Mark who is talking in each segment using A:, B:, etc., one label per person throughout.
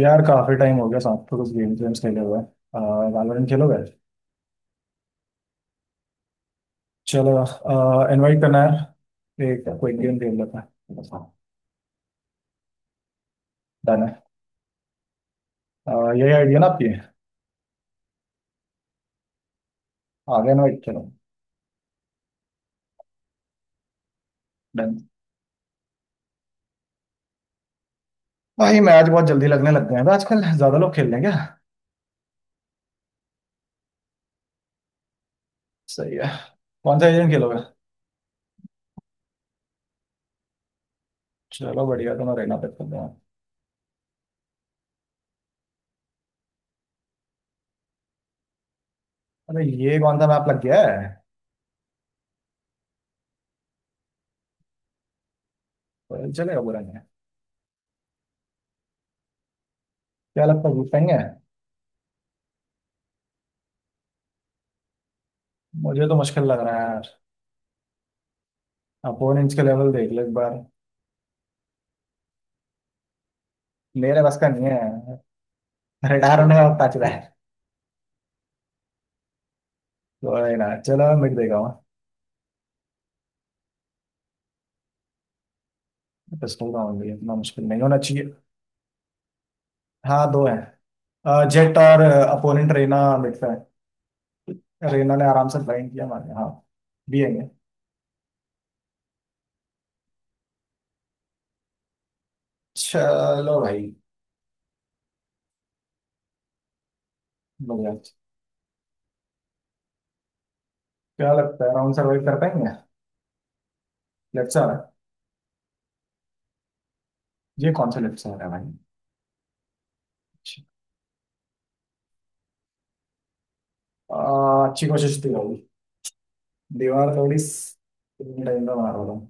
A: यार काफी टाइम हो गया साथ में कुछ गेम्स वेम्स खेले हुए। वैलोरेंट खेलोगे। चलो इनवाइट करना है, एक क्विक गेम खेल लेते हैं। डन है। यही आइडिया ना आपकी। आ गया इनवाइट, चलो। डन। भाई मैच बहुत जल्दी लगने लग गए हैं, आजकल ज्यादा लोग खेल रहे हैं क्या। सही है। कौन सा गेम खेलोगे। चलो बढ़िया, तो मैं रहना पे खेल रहा हूँ। अरे ये कौन सा मैप लग गया है। पर चलेगा, बुरा नहीं है। क्या लगता है जीत पाएंगे। मुझे तो मुश्किल लग रहा है यार। अपोनेंट्स के लेवल देख लो एक बार। मेरे बस का नहीं है। रिटायर होने का वक्त आ चुका है। कोई ना, चलो मैं मिट देगा वहाँ। पिस्टल का होंगी, इतना मुश्किल नहीं होना चाहिए। हाँ दो हैं। जेट और अपोनेंट रेना मिट पे हैं। रेना ने आराम से ब्लाइंड किया मारे, हाँ। भी आएंगे। चलो भाई। लोग यार। क्या लगता है राउंड सर्वाइव कर पाएंगे। लेफ्ट से आ रहा है। ये कौन सा लेफ्ट से आ रहा है भाई। अच्छा। अच्छी कोशिश थी राहुल। दीवार थोड़ी। टाइम का मार रहा हूँ।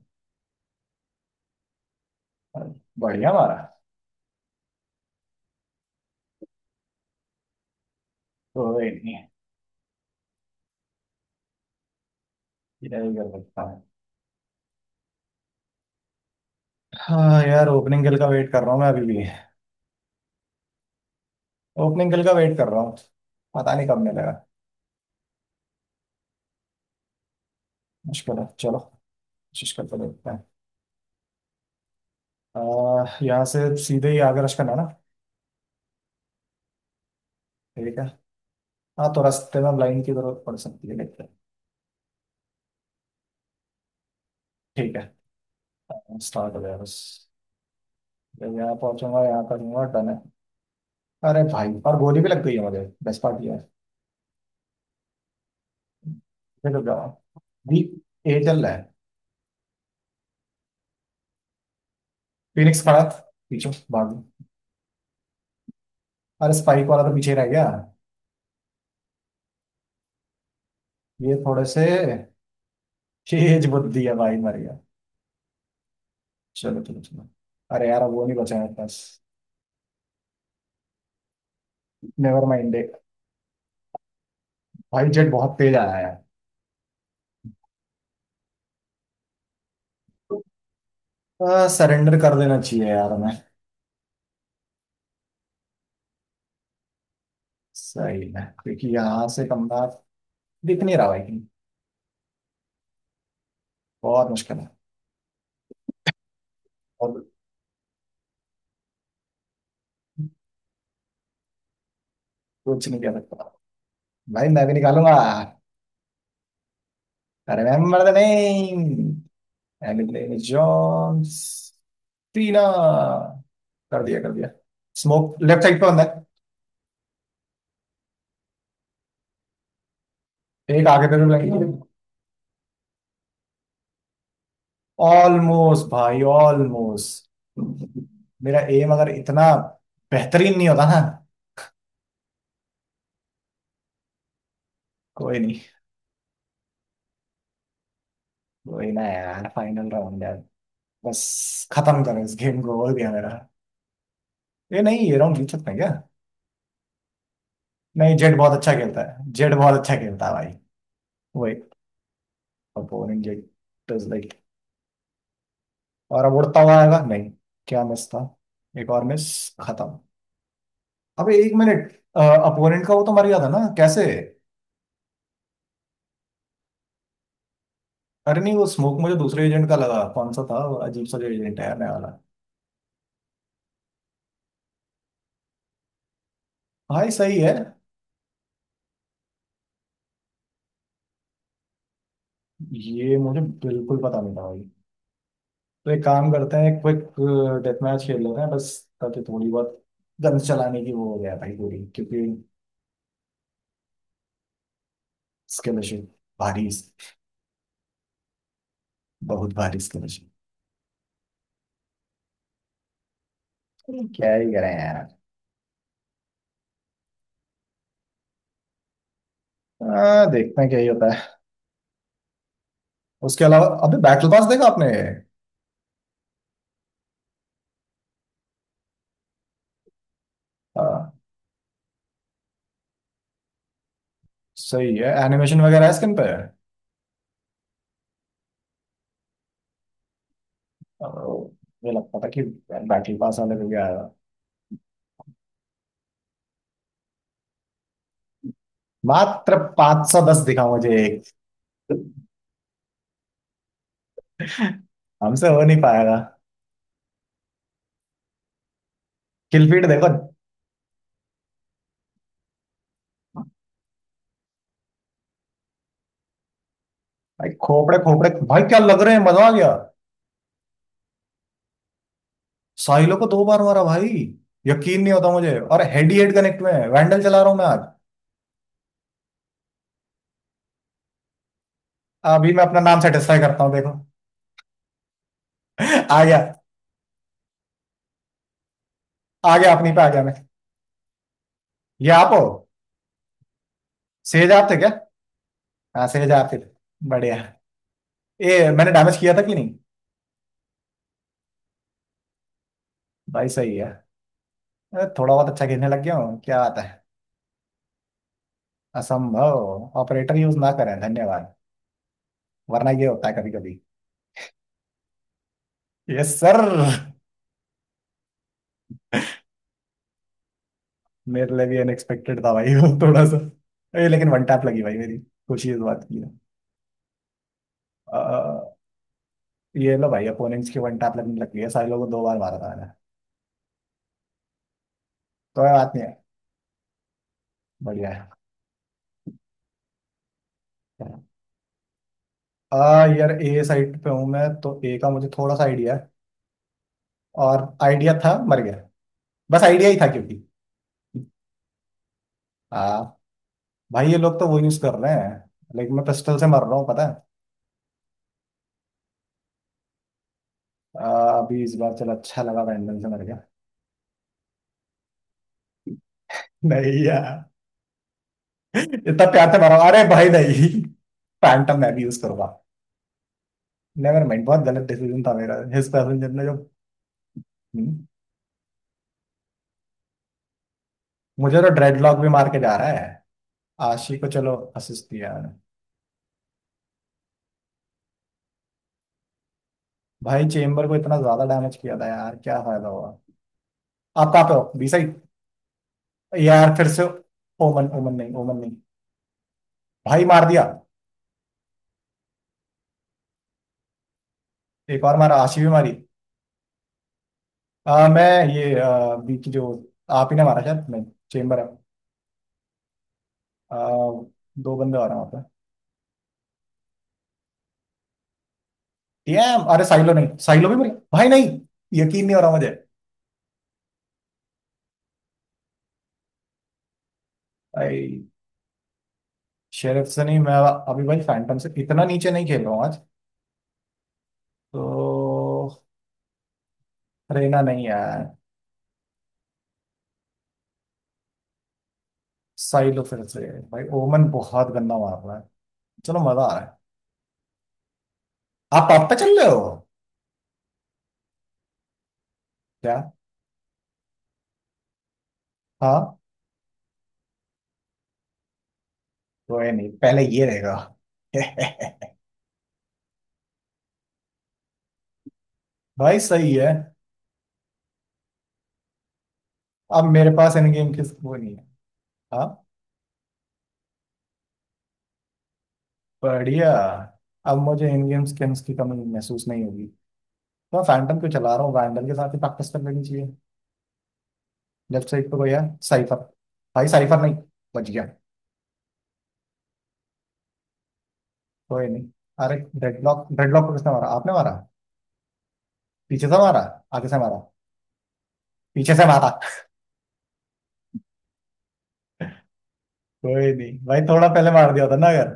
A: बढ़िया मारा। कोई नहीं है। ये कर सकता है। हाँ यार, ओपनिंग गिल का वेट कर रहा हूँ मैं अभी भी। ओपनिंग बिल का वेट कर रहा हूँ। पता नहीं कब मिलेगा। मुश्किल है, चलो कोशिश करके देखते हैं। यहाँ से सीधे ही आगे रश करना है ना। ठीक है। हाँ तो रास्ते में लाइन की जरूरत पड़ सकती है, देखते हैं। ठीक है, स्टार्ट हो गया बस। जब यहाँ पहुंचूंगा यहाँ करूंगा, डन है। अरे भाई और गोली भी लग गई है मुझे, बेस्ट पार्ट ये है। फिर रुक जाओ। बी। ए चल रहा है। फिनिक्स खड़ा था, पीछे भाग। अरे स्पाइक वाला तो पीछे रह गया। ये थोड़े से। तेज बुद्धि है भाई, मर गया। चलो चलो चलो। अरे यार अब वो नहीं बचा मेरे पास। नेवर माइंड है। भाई जेट बहुत तेज आया है। सरेंडर कर देना चाहिए यार हमें। सही है क्योंकि यहाँ से कमरा दिख नहीं रहा भाई कहीं। बहुत मुश्किल है। और कुछ नहीं कर सकता। भाई मैं भी निकालूंगा। Remember the name. एलिन जोन्स। टीना। कर दिया कर दिया। स्मोक लेफ्ट साइड पे बंदा है। एक आगे पे भी लगी है। ऑलमोस्ट भाई ऑलमोस्ट। मेरा एम अगर इतना बेहतरीन नहीं होता ना। कोई नहीं। कोई ना यार, फाइनल राउंड यार। बस खत्म करो इस गेम को, हो गया मेरा। ये नहीं, ये राउंड जीत सकते हैं क्या। नहीं जेड बहुत अच्छा खेलता है, जेड बहुत अच्छा खेलता है भाई। वो एक अपोनेंट जेड इज लाइक। और अब उड़ता हुआ आएगा नहीं। क्या मिस था। एक और मिस। खत्म। अबे एक मिनट। अपोनेंट का वो तो मर गया था ना, कैसे। अरे नहीं वो स्मोक मुझे दूसरे एजेंट का लगा, कौन सा था वो अजीब सा जो एजेंट है नया वाला। भाई सही है। ये मुझे बिल्कुल पता नहीं था भाई। तो एक काम करते हैं, क्विक डेथ मैच खेल लेते हैं बस। ताकि थोड़ी बहुत गन चलाने की वो हो गया भाई पूरी, क्योंकि स्किल इशू भारी, बहुत भारी स्किल इशू। क्या ही करें यार। देखते हैं क्या ही होता है। उसके अलावा अबे बैटल पास देखा आपने। आ, सही है, एनिमेशन वगैरह है स्किन पे। आ, मुझे लगता था कि बैटल पास वाले को क्या। मात्र 510 दिखा मुझे एक। हमसे हो नहीं पाएगा। किलफीड देखो। भाई खोपड़े खोपड़े भाई, क्या लग रहे हैं, मजा आ गया। साहिलो को दो बार मारा भाई, यकीन नहीं होता मुझे। और हेड ही हेड कनेक्ट में है। वैंडल चला रहा हूं मैं आज। अभी मैं अपना नाम सेटिस्फाई करता हूँ, देखो। आ गया। आ गया अपनी पे आ गया मैं। ये आप हो। सेज आप थे क्या। हाँ सेज आप थे। बढ़िया। ये मैंने डैमेज किया था कि नहीं। भाई सही है। थोड़ा बहुत अच्छा खेलने लग गया हूँ, क्या बात है। असंभव ऑपरेटर यूज ना करें धन्यवाद, वरना ये होता है कभी कभी। Yes sir. मेरे लिए भी अनएक्सपेक्टेड था भाई वो थोड़ा सा। ये लेकिन वन टैप लगी भाई मेरी। खुशी इस बात की है। अ, ये लो भाई, अपोनेंट्स की वन टैप लगने लग गई है। सारे लोगों को दो बार मारा था मैंने तो, कोई बात नहीं है। बढ़िया है। यार ए साइड पे हूँ मैं, तो ए का मुझे थोड़ा सा आइडिया है। और आइडिया था मर गया। बस आइडिया ही था क्योंकि आ, भाई ये लोग तो वो यूज कर रहे हैं, लेकिन मैं पिस्टल से मर रहा हूँ पता है। अभी इस बार चलो अच्छा लगा, पैंडल से मर गया। नहीं यार इतना प्यार से मरा, अरे भाई नहीं। फैंटम मैं भी यूज करूंगा। नेवर माइंड, बहुत गलत डिसीजन था मेरा। हिज पैसेंजर ने जो, हम्म, मुझे तो ड्रेडलॉक भी मार के जा रहा है। आशी को चलो असिस्ट किया मैंने। भाई चेम्बर को इतना ज्यादा डैमेज किया था यार, क्या फायदा हुआ। आप कहाँ पे हो, बी साइड। यार फिर से ओमन, ओमन नहीं, ओमन नहीं। भाई मार दिया। एक और मारा, आशी भी मारी। मैं ये बी की जो। आप ही ने मारा शायद, नहीं चेम्बर है। आ, दो बंदे आ रहे हैं वहाँ पे। डैम, अरे साइलो नहीं, साइलो भी मरी भाई, नहीं यकीन नहीं हो रहा मुझे। आई। शेरिफ से नहीं मैं, अभी भाई फैंटम से इतना नीचे नहीं खेल रहा हूँ आज तो। रेना नहीं है। साई लो फिर से। भाई ओमन बहुत गंदा मार रहा है। चलो मजा आ रहा है। आप पाप पे चल रहे हो क्या। हाँ। कोई नहीं, पहले ये रहेगा। भाई सही है। अब मेरे पास इन गेम की वो नहीं है। हाँ। बढ़िया। अब मुझे इन गेम स्किन्स की कमी महसूस नहीं होगी, तो मैं फैंटम क्यों चला रहा हूँ, वैंडल के साथ ही प्रैक्टिस कर लेनी चाहिए। लेफ्ट साइड पे कोई है। साइफर। भाई साइफर, नहीं बच गया। कोई नहीं। अरे डेडलॉक, डेडलॉक को किसने मारा, आपने मारा। पीछे से मारा, आगे से मारा। पीछे से मारा। कोई नहीं भाई, थोड़ा पहले मार दिया होता ना अगर,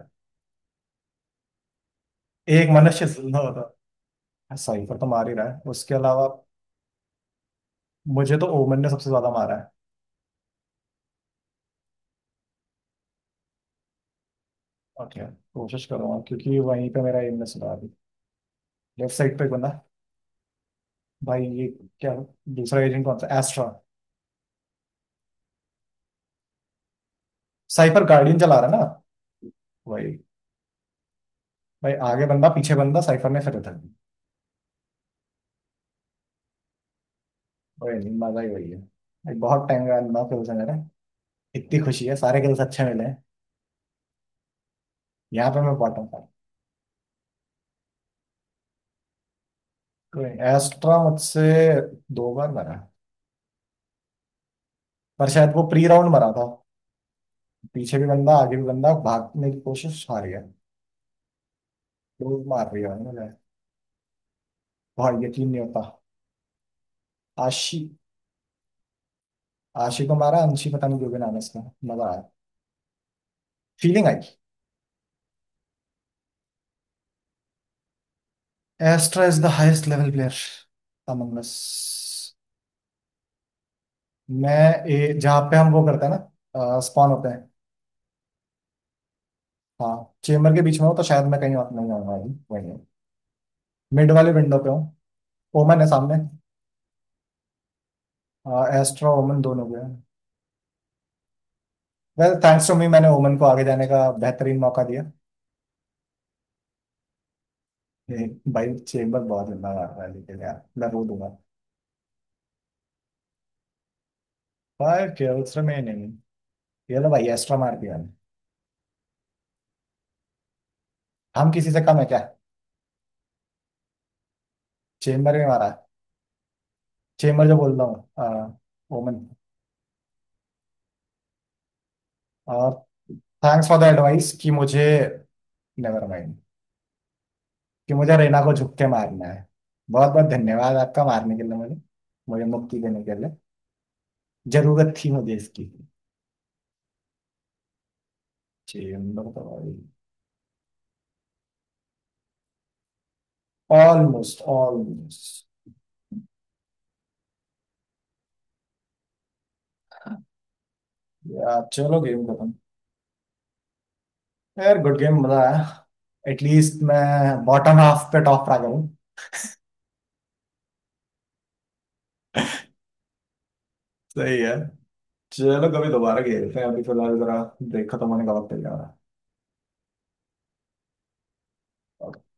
A: एक मनुष्य जिंदा होता। सही, पर तो मार ही रहा है उसके अलावा। मुझे तो ओमन ने सबसे ज्यादा मारा है। ओके, कोशिश करूंगा क्योंकि वहीं पे मेरा एम ने सुधार। लेफ्ट साइड पे एक बंदा। भाई ये क्या, दूसरा एजेंट कौन सा, एस्ट्रा। साइफर गार्डियन चला रहा है ना। वही। भाई आगे बंदा पीछे बंदा, साइफर ने फिर उधर। वही नहीं, मजा ही वही है। एक बहुत टाइम का ना फिर इतनी खुशी है, सारे कलर्स अच्छे मिले हैं। यहाँ पे मैं बॉटम था। कोई एस्ट्रा मुझसे दो बार मरा, पर शायद वो प्री राउंड मरा था। पीछे भी बंदा आगे भी बंदा, भागने की कोशिश, हार गया। लोग मार रही है भाई मुझे, बहुत यकीन नहीं होता। आशी। आशी को मारा, अंशी पता नहीं जो भी नाम है इसका। मजा आया, फीलिंग आई। Astra is the highest level player among us. मैं जहाँ पे हम वो करते हैं ना स्पॉन होते हैं। हाँ चेम्बर के बीच में हो तो शायद मैं कहीं और नहीं आऊंगा अभी, वहीं मिड वाले विंडो पे हूँ। ओमन है सामने। एस्ट्रा ओमन दोनों हो गया। वेल थैंक्स टू मी, मैंने ओमन को आगे जाने का बेहतरीन मौका दिया। ये भाई चेम्बर बहुत लंबा मार रहा है, लेकिन यार मैं रो दूंगा। 5 किल्स रिमेनिंग। ये लो भाई एस्ट्रा मार दिया, हम किसी से कम है क्या। चेम्बर में मारा है, चेम्बर जो बोल रहा हूँ। ओमन। और थैंक्स फॉर द एडवाइस कि मुझे, नेवर माइंड, कि मुझे रेना को झुक के मारना है। बहुत बहुत धन्यवाद आपका मारने के लिए मुझे, मुझे मुक्ति देने के लिए, जरूरत थी मुझे इसकी। चेम्बर तो भाई ऑलमोस्ट ऑलमोस्ट। यार चलो गेम खत्म। यार गुड गेम, मजा आया। एटलीस्ट मैं बॉटम हाफ पे टॉप आ गया हूँ। सही है। चलो कभी दोबारा खेलते हैं, अभी फिलहाल जरा ब्रेक खत्म होने का वक्त हो जा रहा है।